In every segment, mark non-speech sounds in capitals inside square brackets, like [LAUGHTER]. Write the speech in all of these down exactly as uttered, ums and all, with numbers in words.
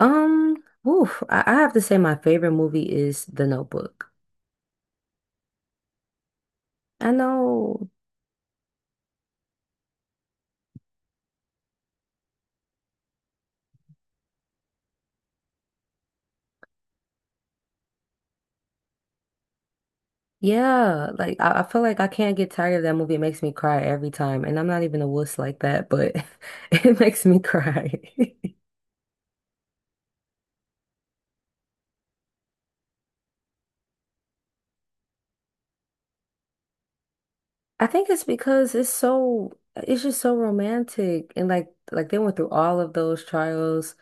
Um, oof, I, I have to say my favorite movie is The Notebook. I know, yeah, like I, I feel like I can't get tired of that movie. It makes me cry every time, and I'm not even a wuss like that, but [LAUGHS] it makes me cry. [LAUGHS] I think it's because it's so, it's just so romantic, and like, like they went through all of those trials,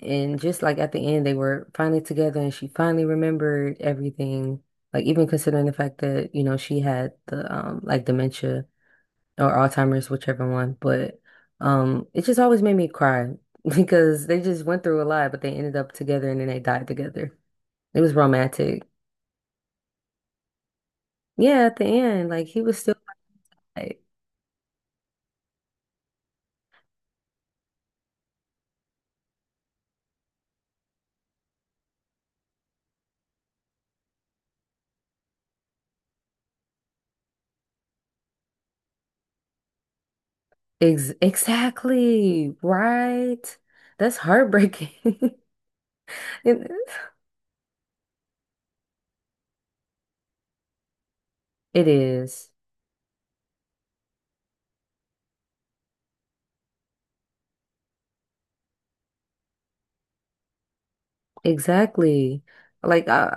and just like at the end, they were finally together, and she finally remembered everything. Like even considering the fact that, you know, she had the um like dementia or Alzheimer's, whichever one. But um, it just always made me cry [LAUGHS] because they just went through a lot, but they ended up together and then they died together. It was romantic. Yeah, at the end, like he was still like, ex exactly right. That's heartbreaking. [LAUGHS] It, it is exactly like uh,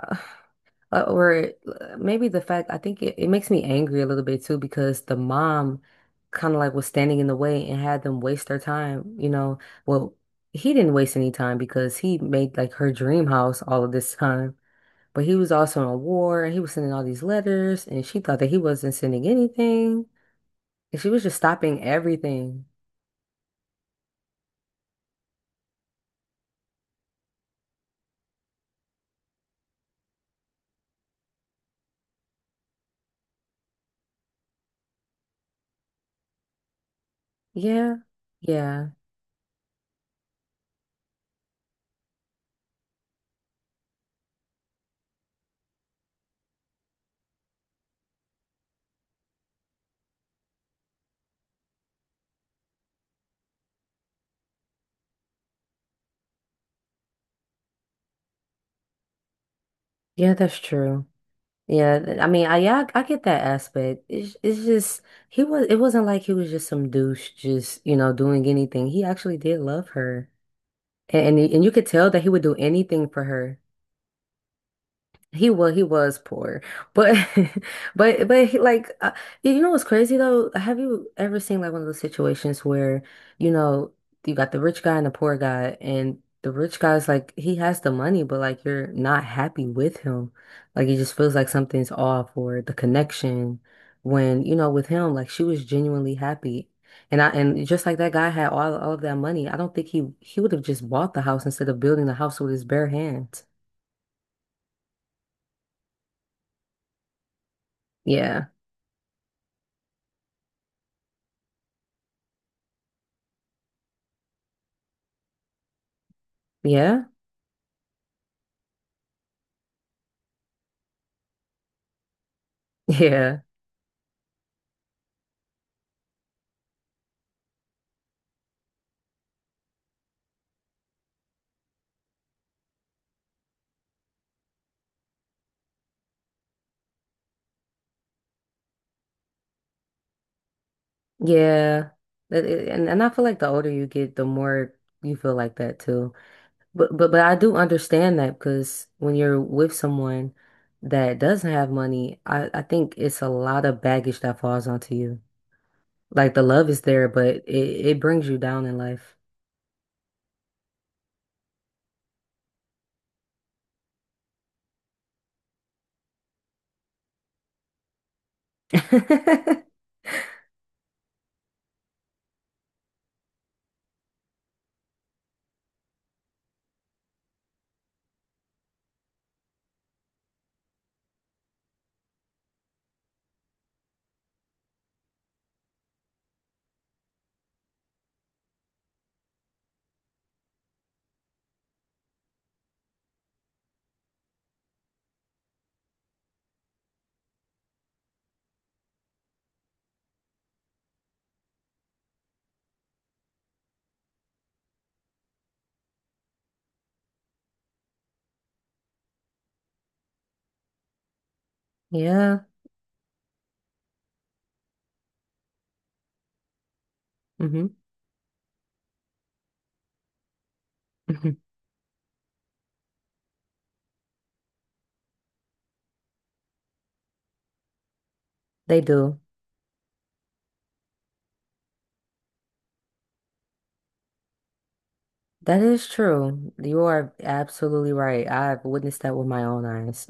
Uh, or uh, maybe the fact I think it, it makes me angry a little bit too because the mom kind of like was standing in the way and had them waste their time, you know. Well, he didn't waste any time because he made like her dream house all of this time. But he was also in a war and he was sending all these letters and she thought that he wasn't sending anything. And she was just stopping everything. Yeah. Yeah. Yeah, that's true. Yeah, th- I mean, I yeah, I I get that aspect. It's it's just he was it wasn't like he was just some douche just, you know, doing anything. He actually did love her. And and, he- and you could tell that he would do anything for her. He was he was poor, but [LAUGHS] but but he, like uh, you know what's crazy though? Have you ever seen like one of those situations where you know you got the rich guy and the poor guy, and the rich guy's like he has the money, but like you're not happy with him, like it just feels like something's off or the connection. When you know with him, like she was genuinely happy, and I and just like that guy had all all of that money, I don't think he he would have just bought the house instead of building the house with his bare hands. Yeah, yeah. Yeah, yeah, That- it- and and I feel like the older you get, the more you feel like that too. But but but I do understand that because when you're with someone that doesn't have money, I I think it's a lot of baggage that falls onto you. Like the love is there, but it it brings you down in life. [LAUGHS] Yeah. hmm hmm They do. That is true. You are absolutely right. I've witnessed that with my own eyes.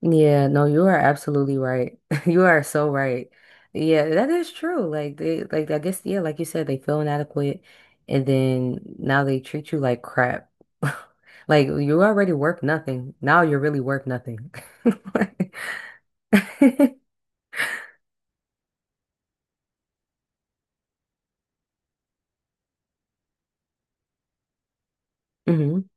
Yeah, no, you are absolutely right. [LAUGHS] You are so right. Yeah, that is true. Like they like I guess yeah, like you said, they feel inadequate and then now they treat you like crap. [LAUGHS] Like you already worth nothing. Now you're really worth nothing. [LAUGHS] [LAUGHS] Hmm.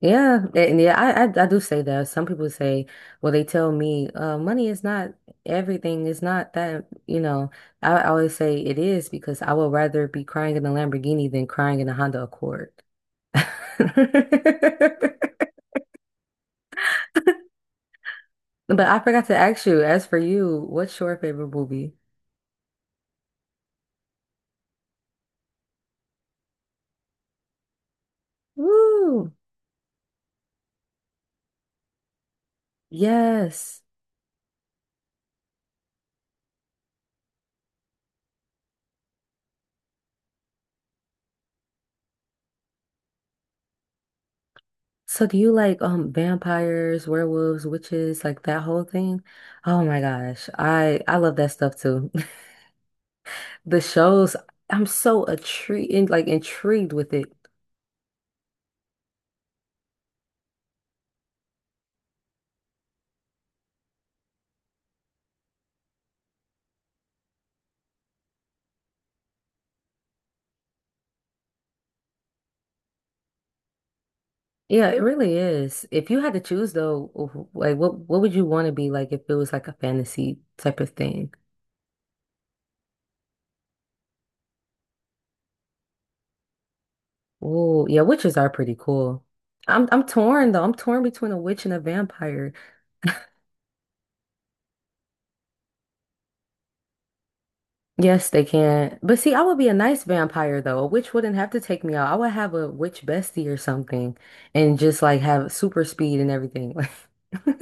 Yeah, and yeah, I, I I do say that. Some people say, well, they tell me, uh, money is not everything. It's not that, you know. I, I always say it is because I would rather be crying in a Lamborghini than crying in a Honda Accord. [LAUGHS] But I forgot to ask you, as for you, what's your favorite movie? Woo! Yes. So do you like um vampires, werewolves, witches, like that whole thing? Oh my gosh. I I love that stuff too. [LAUGHS] The shows, I'm so intrigued, like intrigued with it. Yeah, it really is. If you had to choose though, wh- like what what would you want to be like if it was like a fantasy type of thing? Oh, yeah, witches are pretty cool. I'm I'm torn though. I'm torn between a witch and a vampire. Yes, they can. But see, I would be a nice vampire though. A witch wouldn't have to take me out. I would have a witch bestie or something and just like have super speed and everything. [LAUGHS]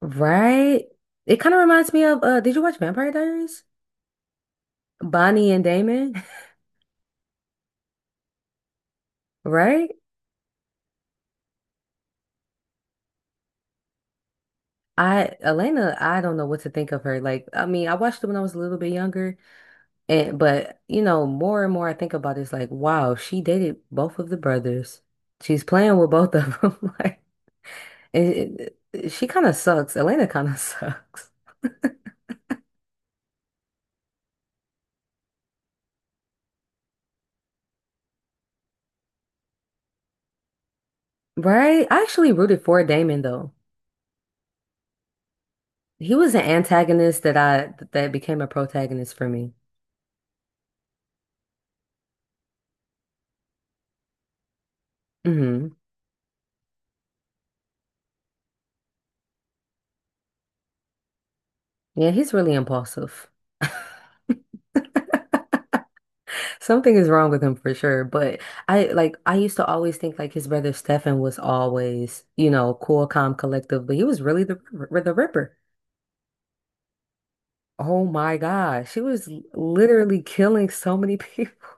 Right? It kind of reminds me of uh did you watch Vampire Diaries? Bonnie and Damon, right? I Elena, I don't know what to think of her. Like, I mean, I watched it when I was a little bit younger, and but you know, more and more I think about it, it's like, wow, she dated both of the brothers. She's playing with both of them. [LAUGHS] Like, it, it- she kind of sucks. Elena kind of [LAUGHS] sucks, right? I actually rooted for Damon though. He was an antagonist that I that became a protagonist for me. Hmm. Yeah, he's really impulsive. [LAUGHS] Something is wrong with him for sure, but I like I used to always think like his brother Stefan was always, you know, cool, calm, collective, but he was really the Ripper- the Ripper. Oh my gosh, he was literally killing so many people.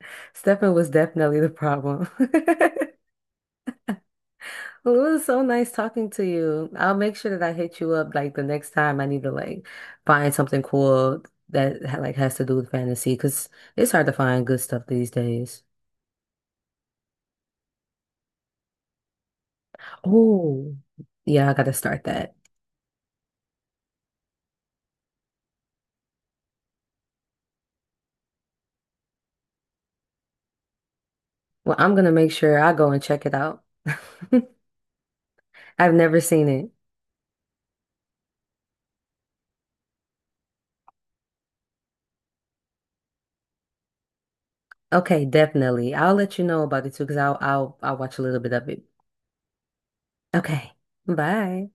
[LAUGHS] Stefan was definitely the problem. [LAUGHS] Well, it was so nice talking to you. I'll make sure that I hit you up like the next time I need to like find something cool that ha- like has to do with fantasy because it's hard to find good stuff these days. Oh, yeah, I gotta start that. Well, I'm gonna make sure I go and check it out. [LAUGHS] I've never seen it. Okay, definitely. I'll let you know about it too, because I'll I'll I'll watch a little bit of it. Okay. Bye.